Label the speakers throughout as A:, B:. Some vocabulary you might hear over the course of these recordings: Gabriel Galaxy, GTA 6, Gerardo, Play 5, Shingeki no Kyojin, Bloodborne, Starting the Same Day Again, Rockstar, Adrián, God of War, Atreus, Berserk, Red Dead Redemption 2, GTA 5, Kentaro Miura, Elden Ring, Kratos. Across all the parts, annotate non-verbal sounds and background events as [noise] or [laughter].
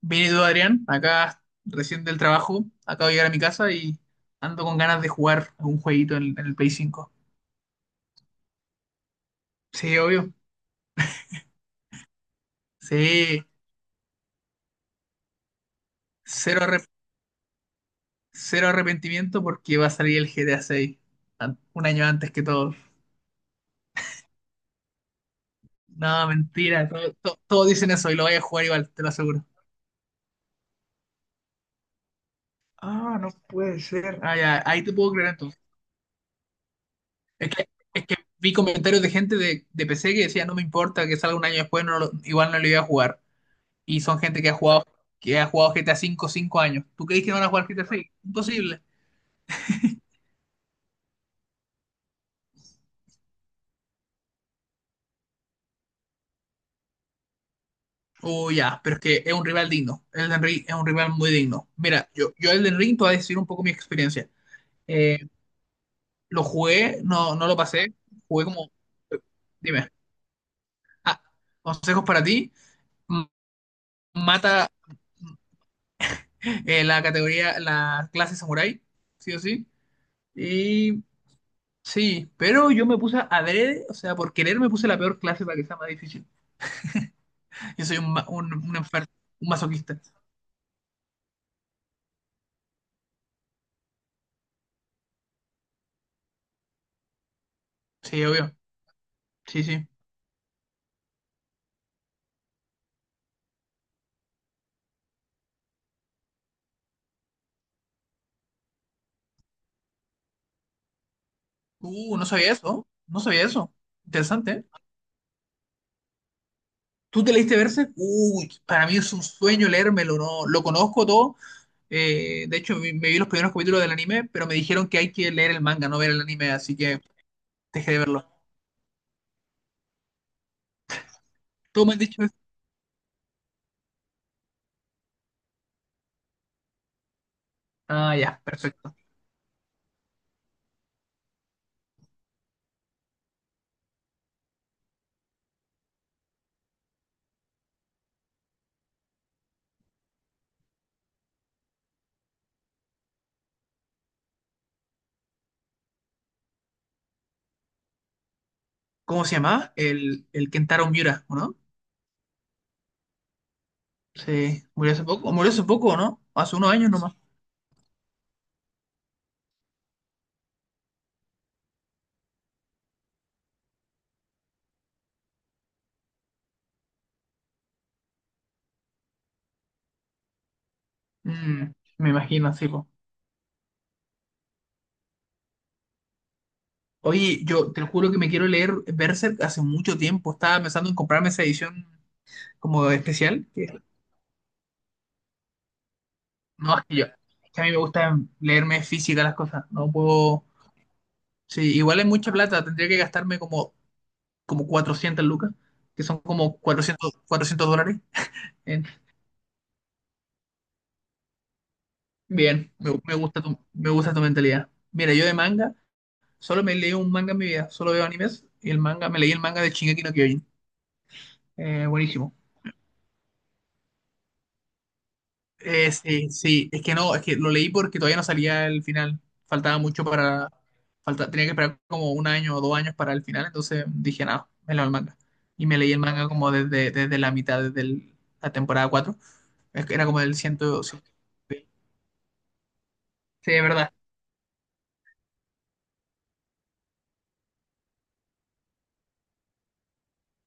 A: Bien, ¿y tú, Adrián? Acá recién del trabajo, acabo de llegar a mi casa y ando con ganas de jugar a un jueguito en el Play 5. Sí, obvio. Sí, cero, arrep- cero arrepentimiento porque va a salir el GTA 6 un año antes que todos. No, mentira, todos dicen eso y lo voy a jugar igual, te lo aseguro. Ah, no puede ser. Ah, ya, ahí te puedo creer entonces. Es que, es que vi comentarios de gente de PC que decía, no me importa que salga un año después, igual no lo iba a jugar. Y son gente que ha jugado GTA 5 años. ¿Tú crees que no van a jugar GTA 6? Imposible. Oh, ya, pero es que es un rival digno. Elden Ring es un rival muy digno. Mira, yo Elden Ring te voy a decir un poco mi experiencia. Eh, lo jugué, no, no lo pasé. Jugué como, dime, ah, consejos para ti. M- Mata, la categoría, la clase samurai, sí o sí. Y sí, pero yo me puse adrede, o sea, por querer me puse la peor clase para que sea más difícil. Yo soy un, ma- un enfer- un masoquista. Sí, obvio. Sí, sí. No sabía eso. No sabía eso. Interesante, ¿eh? ¿Tú te leíste Berserk? Uy, para mí es un sueño leérmelo, ¿no? Lo conozco todo. De hecho, me vi los primeros capítulos del anime, pero me dijeron que hay que leer el manga, no ver el anime, así que dejé de verlo. ¿Tú me has dicho eso? Ah, ya, perfecto. ¿Cómo se llamaba? El Kentaro Miura, ¿o no? Sí, murió hace poco. ¿O murió hace poco, o no? Hace unos años nomás. Mm, me imagino, sí, po. Oye, yo te juro que me quiero leer Berserk hace mucho tiempo. Estaba pensando en comprarme esa edición como especial. No, es que a mí me gusta leerme física las cosas. No puedo. Sí, igual es mucha plata. Tendría que gastarme como, como 400 lucas, que son como cuatrocientos dólares. Eh, Bien, me gusta tu mentalidad. Mira, yo de manga, solo me leí un manga en mi vida. Solo veo animes. Y el manga, me leí el manga de Shingeki no Kyojin. Buenísimo. Sí, sí, es que no, es que lo leí porque todavía no salía el final. Faltaba mucho para. Falta, tenía que esperar como un año o dos años para el final, entonces dije, nada, me leo el manga. Y me leí el manga como desde la mitad, la temporada cuatro. Es que era como del 100. Sí, sí, es verdad.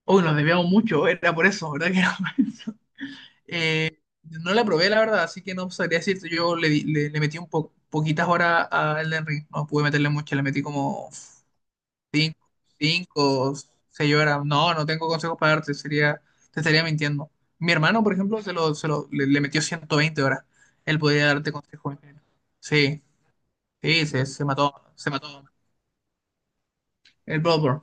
A: Uy, nos debíamos mucho, era por eso, ¿verdad? [laughs] Que era por eso. No la probé, la verdad, así que no sabría decirte. Yo le metí poquitas horas a Elden Ring, no pude meterle mucho, le metí como Cinco, cinco, seis horas. No, no tengo consejos para darte, sería, te estaría mintiendo. Mi hermano, por ejemplo, le metió 120 horas. Él podría darte consejos. Sí, sí, se mató, se mató. El Bloodborne,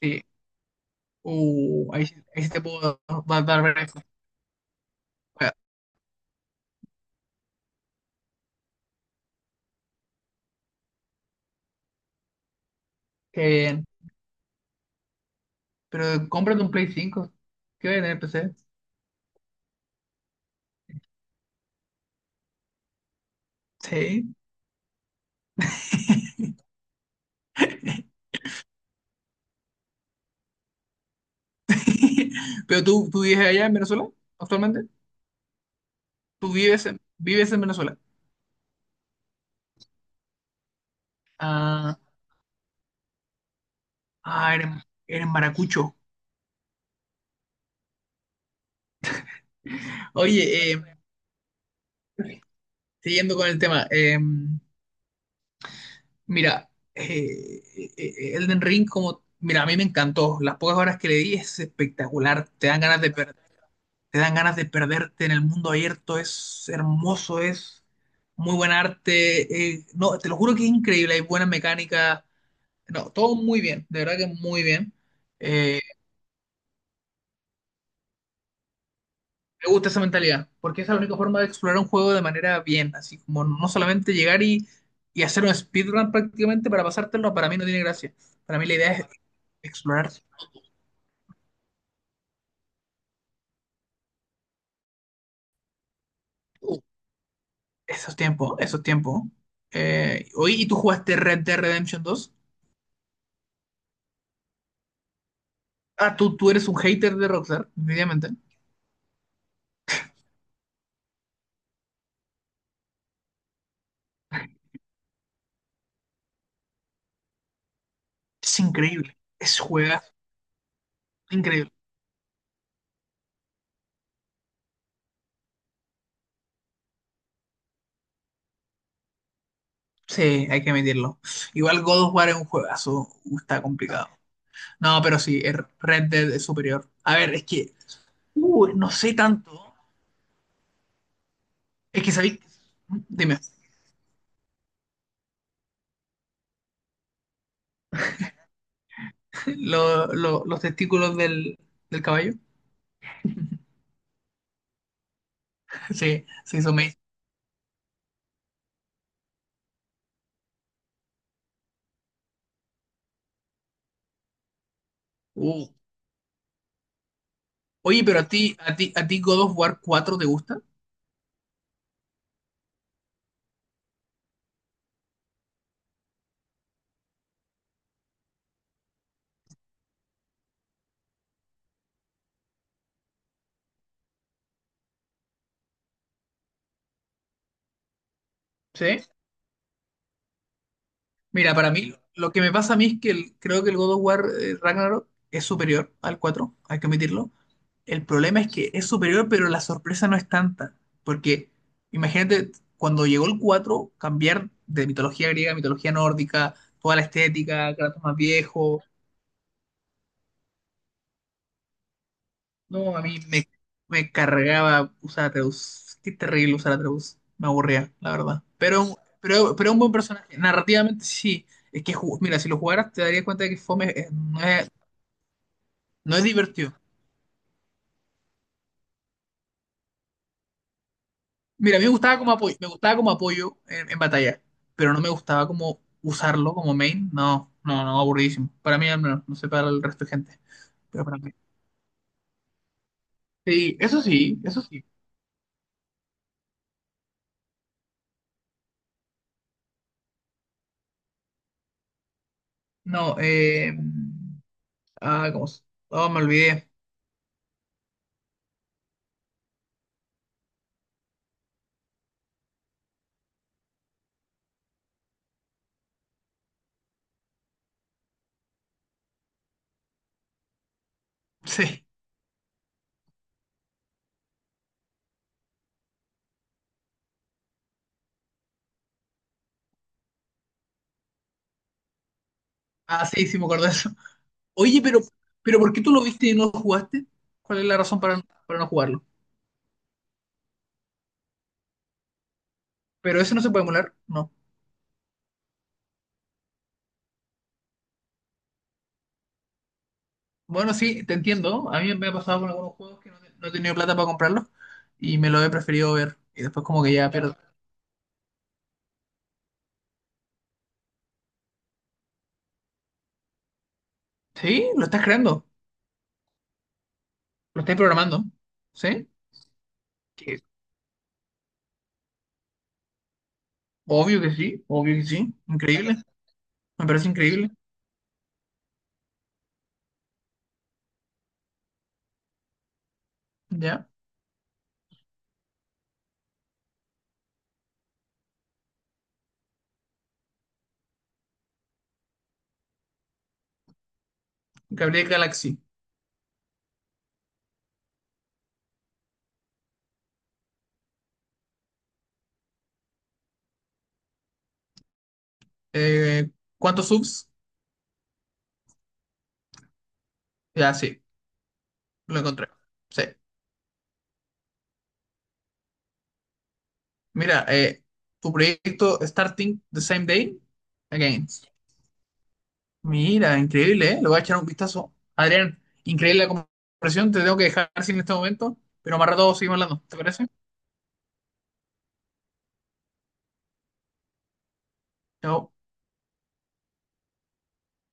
A: sí. Ahí sí te puedo dar ver. Qué bien. Pero cómprate un Play 5. ¿Qué va a tener PC? Sí. [laughs] Pero tú vives allá en Venezuela actualmente. Tú vives en Venezuela. Ah. Ah, eres maracucho. Oye, siguiendo con el tema, mira, Elden Ring, como, mira, a mí me encantó. Las pocas horas que le di es espectacular. Te dan ganas de perderte en el mundo abierto. Es hermoso, es muy buen arte. No, te lo juro que es increíble. Hay buena mecánica. No, todo muy bien, de verdad que muy bien. Eh, Me gusta esa mentalidad, porque es la única forma de explorar un juego de manera bien, así como no solamente llegar y hacer un speedrun prácticamente para pasártelo, para mí no tiene gracia. Para mí la idea es explorar. uh, Esos tiempos, esos tiempos. Oye, ¿y tú jugaste Red Dead Redemption dos? Ah, tú eres un hater de Rockstar, evidentemente. Es increíble, es juegazo, increíble. Sí, hay que admitirlo. Igual God of War es un juegazo, está complicado. No, pero sí, el Red Dead es superior. A ver, es que, no sé tanto. Es que sabéis, dime, los testículos del caballo. [laughs] Sí, sí, son me Uh. Oye, pero a ti, ¿God of War 4 te gusta? Sí. Mira, para mí, lo que me pasa a mí es que creo que el God of War, Ragnarok es superior al 4, hay que admitirlo. El problema es que es superior, pero la sorpresa no es tanta. Porque imagínate, cuando llegó el 4 cambiar de mitología griega a mitología nórdica, toda la estética, Kratos más viejo. No, a mí me cargaba usar Atreus. Qué terrible usar Atreus. Me aburría, la verdad. Pero un buen personaje. Narrativamente sí. Es que, mira, si lo jugaras te darías cuenta de que Fome, no es divertido. Mira, a mí me gustaba como apoyo, me gustaba como apoyo en batalla, pero no me gustaba como usarlo como main. No, no, no, aburridísimo. Para mí, al menos, no sé para el resto de gente. Pero para mí. Sí, eso sí, eso sí. No, ¿cómo? Oh, me olvidé. [laughs] Sí. Ah, sí, sí, me acuerdo de eso. Oye, pero ¿por qué tú lo viste y no lo jugaste? ¿Cuál es la razón para no jugarlo? ¿Pero eso no se puede emular? No. Bueno, sí, te entiendo. A mí me ha pasado con algunos juegos que no he tenido plata para comprarlos y me lo he preferido ver. Y después como que ya pierdo. Sí, lo estás creando, lo estás programando. ¿Sí? Que- Obvio que sí, obvio que sí. Increíble. Me parece increíble. Ya. Gabriel Galaxy. Eh, ¿Cuántos subs? Ya, sí, lo encontré. Sí. Mira, tu proyecto Starting the Same Day Again. Mira, increíble, ¿eh? Lo voy a echar un vistazo. Adrián, increíble la conversación. Te tengo que dejar sin este momento, pero más rato seguimos hablando. ¿Te parece? Chao.